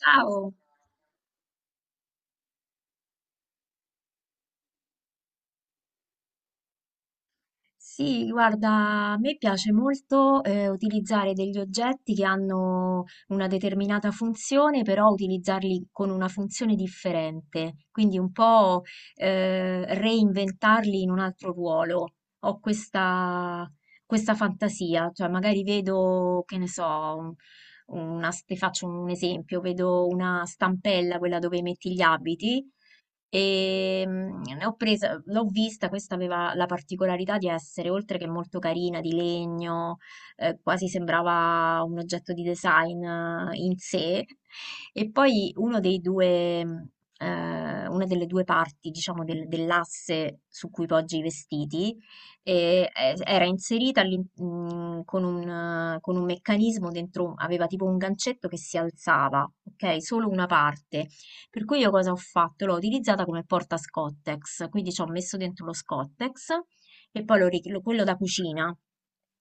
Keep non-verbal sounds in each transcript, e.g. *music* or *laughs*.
Ciao! Sì, guarda, a me piace molto utilizzare degli oggetti che hanno una determinata funzione, però utilizzarli con una funzione differente, quindi un po' reinventarli in un altro ruolo. Ho questa fantasia, cioè magari vedo, che ne so, un- ti faccio un esempio, vedo una stampella, quella dove metti gli abiti. E ne ho presa, l'ho vista, questa aveva la particolarità di essere, oltre che molto carina, di legno, quasi sembrava un oggetto di design in sé. E poi uno dei due, una delle due parti, diciamo, dell'asse su cui poggi i vestiti, e, era inserita con un meccanismo dentro, aveva tipo un gancetto che si alzava, ok? Solo una parte. Per cui io cosa ho fatto? L'ho utilizzata come porta Scottex, quindi ci ho messo dentro lo Scottex e poi quello da cucina.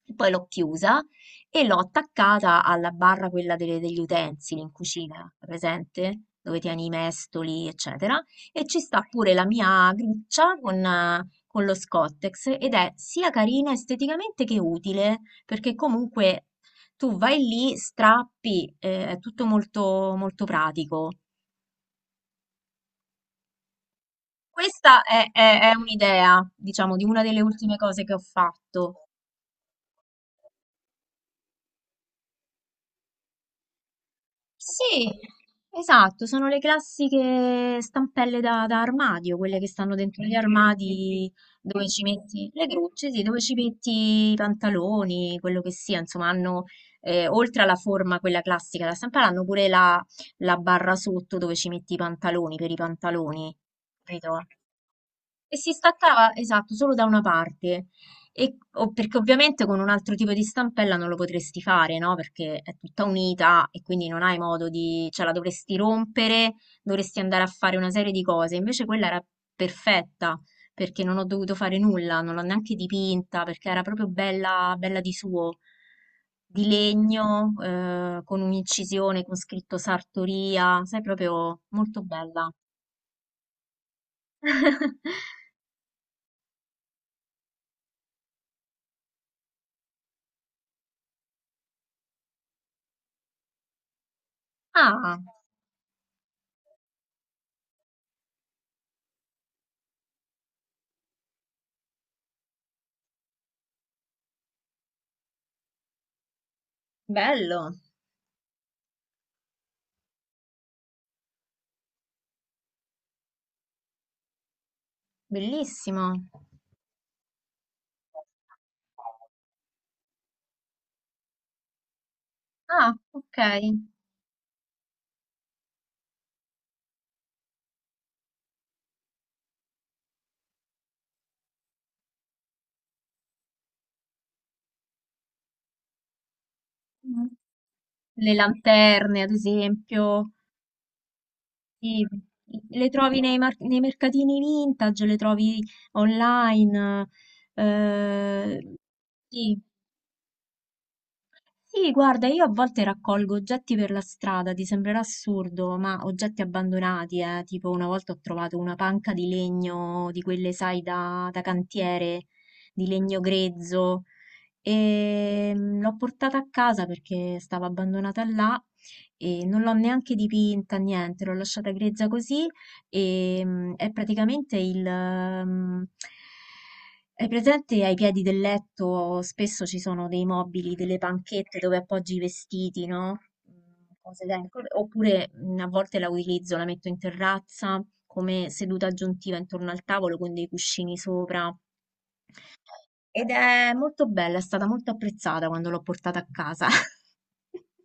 E poi l'ho chiusa e l'ho attaccata alla barra quella degli utensili in cucina, presente? Dove tieni i mestoli, eccetera. E ci sta pure la mia gruccia con lo Scottex ed è sia carina esteticamente che utile, perché comunque tu vai lì, strappi, è tutto molto, molto pratico. Questa è un'idea, diciamo, di una delle ultime cose che ho fatto. Sì, esatto, sono le classiche stampelle da armadio, quelle che stanno dentro gli armadi dove ci metti le grucce, sì, dove ci metti i pantaloni, quello che sia, insomma, hanno, oltre alla forma, quella classica da stampare, hanno pure la barra sotto dove ci metti i pantaloni per i pantaloni, capito? E si staccava, esatto, solo da una parte. E, perché ovviamente con un altro tipo di stampella non lo potresti fare, no? Perché è tutta unita e quindi non hai modo di, cioè la dovresti rompere, dovresti andare a fare una serie di cose. Invece quella era perfetta perché non ho dovuto fare nulla, non l'ho neanche dipinta perché era proprio bella, bella di suo, di legno, con un'incisione con scritto Sartoria, sai, proprio molto bella. *laughs* Ah, bello. Bellissimo. Ah, ok. Mm. Le lanterne, ad esempio, sì. Le trovi nei mercatini vintage, le trovi online. eh, sì. Sì, guarda, io a volte raccolgo oggetti per la strada, ti sembrerà assurdo, ma oggetti abbandonati, eh. Tipo una volta ho trovato una panca di legno, di quelle, sai, da cantiere, di legno grezzo. E l'ho portata a casa perché stava abbandonata là e non l'ho neanche dipinta, niente, l'ho lasciata grezza così. E mm, è praticamente il... mm, Hai presente ai piedi del letto spesso ci sono dei mobili, delle panchette dove appoggi i vestiti, no? Mm, Cose del- Oppure a volte la utilizzo, la metto in terrazza come seduta aggiuntiva intorno al tavolo con dei cuscini sopra. Ed è molto bella, è stata molto apprezzata quando l'ho portata a casa. *laughs*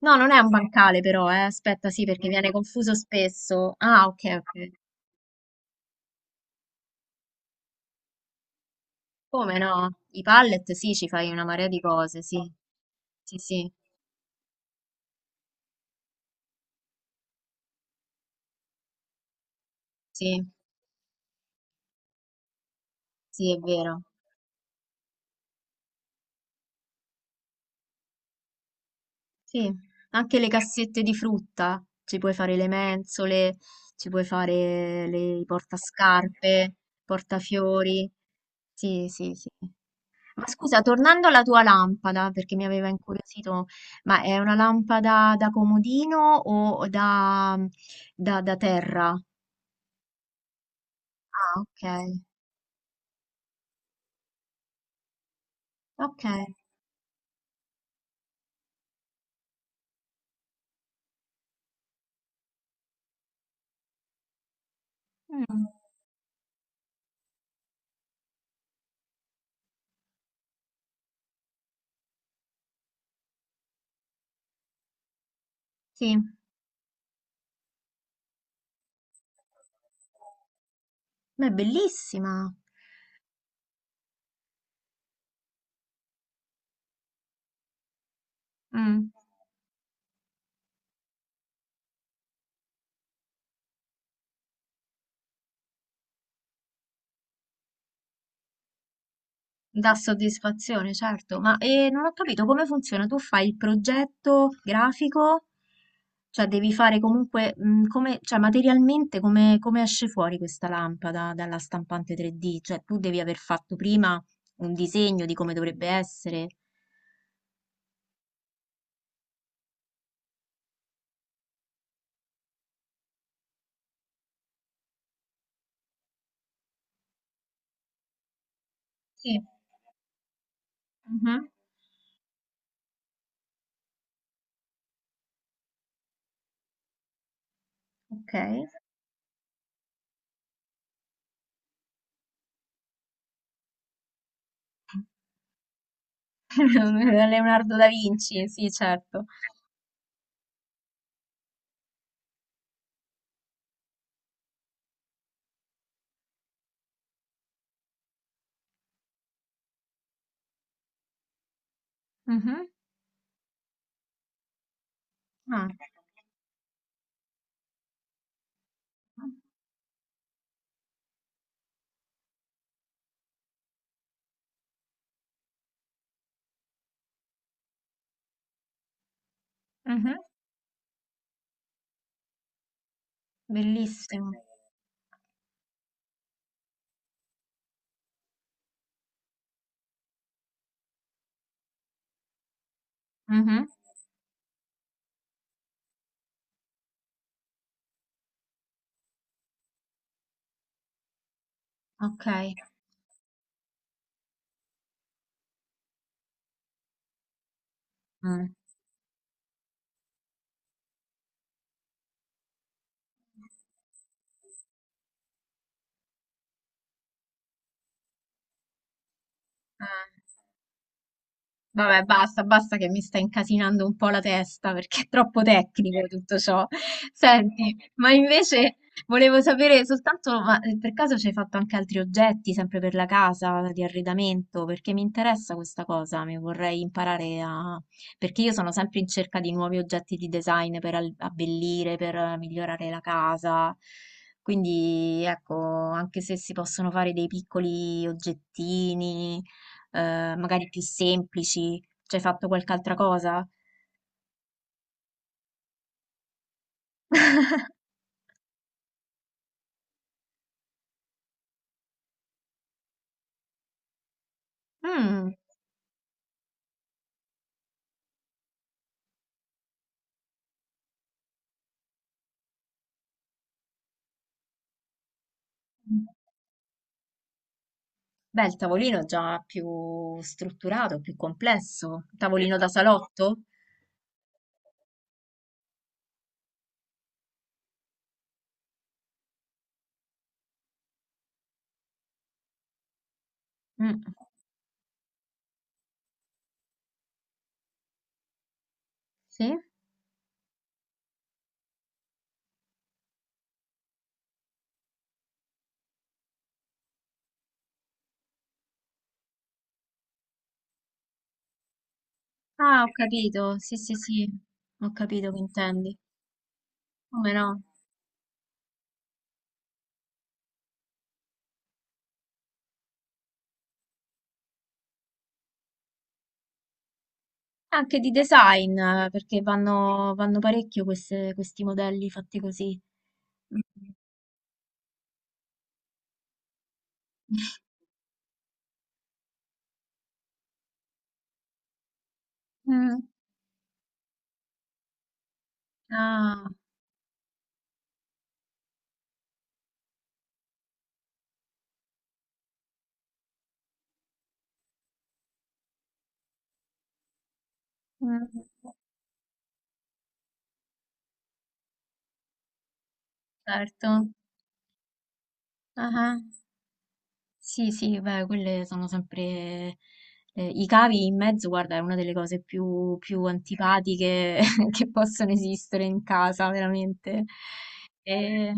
No, non è un bancale però, eh. Aspetta, sì, perché viene confuso spesso. Ah, ok, ok. Come no? I pallet, sì, ci fai una marea di cose, sì. Sì, sì, sì, sì, è vero. Sì, anche le cassette di frutta, ci puoi fare le mensole, ci puoi fare i portascarpe, portafiori. Sì, sì, sì. Ma scusa, tornando alla tua lampada, perché mi aveva incuriosito, ma è una lampada da comodino o da terra? Ah, ok, ok. Mm, Sì, ma è bellissima. Mm. Dà soddisfazione, certo, ma non ho capito come funziona. Tu fai il progetto grafico, cioè devi fare comunque, come, cioè materialmente come esce fuori questa lampada dalla stampante 3D? Cioè tu devi aver fatto prima un disegno di come dovrebbe essere. Sì. Mhm. Ok. *laughs* Leonardo da Vinci, sì, certo. Mhm. Ah. Mhm. Bellissimo. Mhm. Ok. Mm. Eh, Vabbè, basta, basta che mi sta incasinando un po' la testa perché è troppo tecnico tutto ciò. Senti, ma invece volevo sapere soltanto, ma per caso ci hai fatto anche altri oggetti, sempre per la casa, di arredamento? Perché mi interessa questa cosa, mi vorrei imparare a. Perché io sono sempre in cerca di nuovi oggetti di design per abbellire, per migliorare la casa. Quindi, ecco, anche se si possono fare dei piccoli oggettini magari più semplici? Ci hai fatto qualche altra cosa? Mm, Beh, il tavolino già più strutturato, più complesso. Tavolino da salotto? Mm, Sì? Ah, ho capito. Sì, sì, sì. Ho capito che intendi. Come no? Anche di design, perché vanno parecchio questi modelli fatti così. Mm. *laughs* Mm. Ah, mm, certo. Ah. Sì, sì, beh, quelle sono sempre. I cavi in mezzo, guarda, è una delle cose più, più antipatiche *laughs* che possono esistere in casa, veramente. E-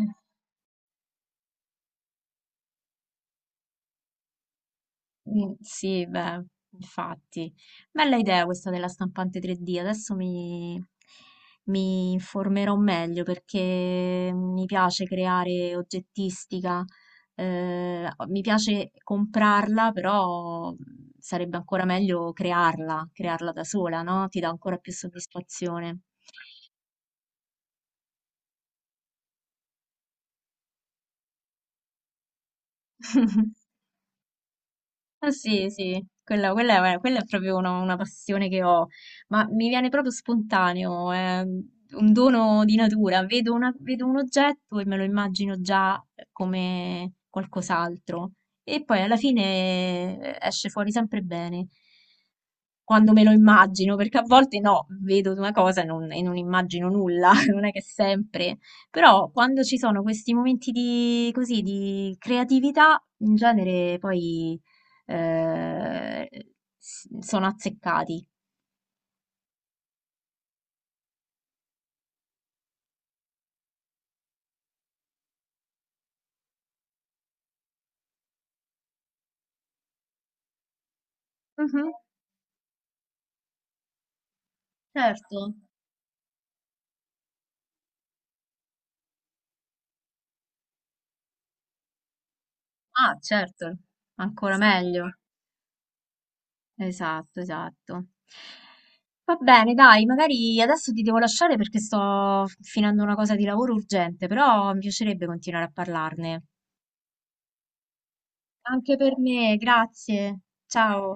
sì, beh, infatti. Bella idea questa della stampante 3D. Adesso mi informerò meglio perché mi piace creare oggettistica. Mi piace comprarla, però sarebbe ancora meglio crearla, crearla da sola, no? Ti dà ancora più soddisfazione. *laughs* Ah, sì, sì, quella è proprio una passione che ho, ma mi viene proprio spontaneo, è un dono di natura. Vedo un oggetto e me lo immagino già come qualcos'altro e poi alla fine esce fuori sempre bene quando me lo immagino, perché a volte no, vedo una cosa e non immagino nulla, *laughs* non è che sempre, però quando ci sono questi momenti di, così, di creatività, in genere poi eh, sono azzeccati. Mhm, certo. Ah, certo, ancora meglio. Esatto, esatto. Va bene, dai, magari adesso ti devo lasciare perché sto finendo una cosa di lavoro urgente, però mi piacerebbe continuare a parlarne. Anche per me, grazie. Ciao.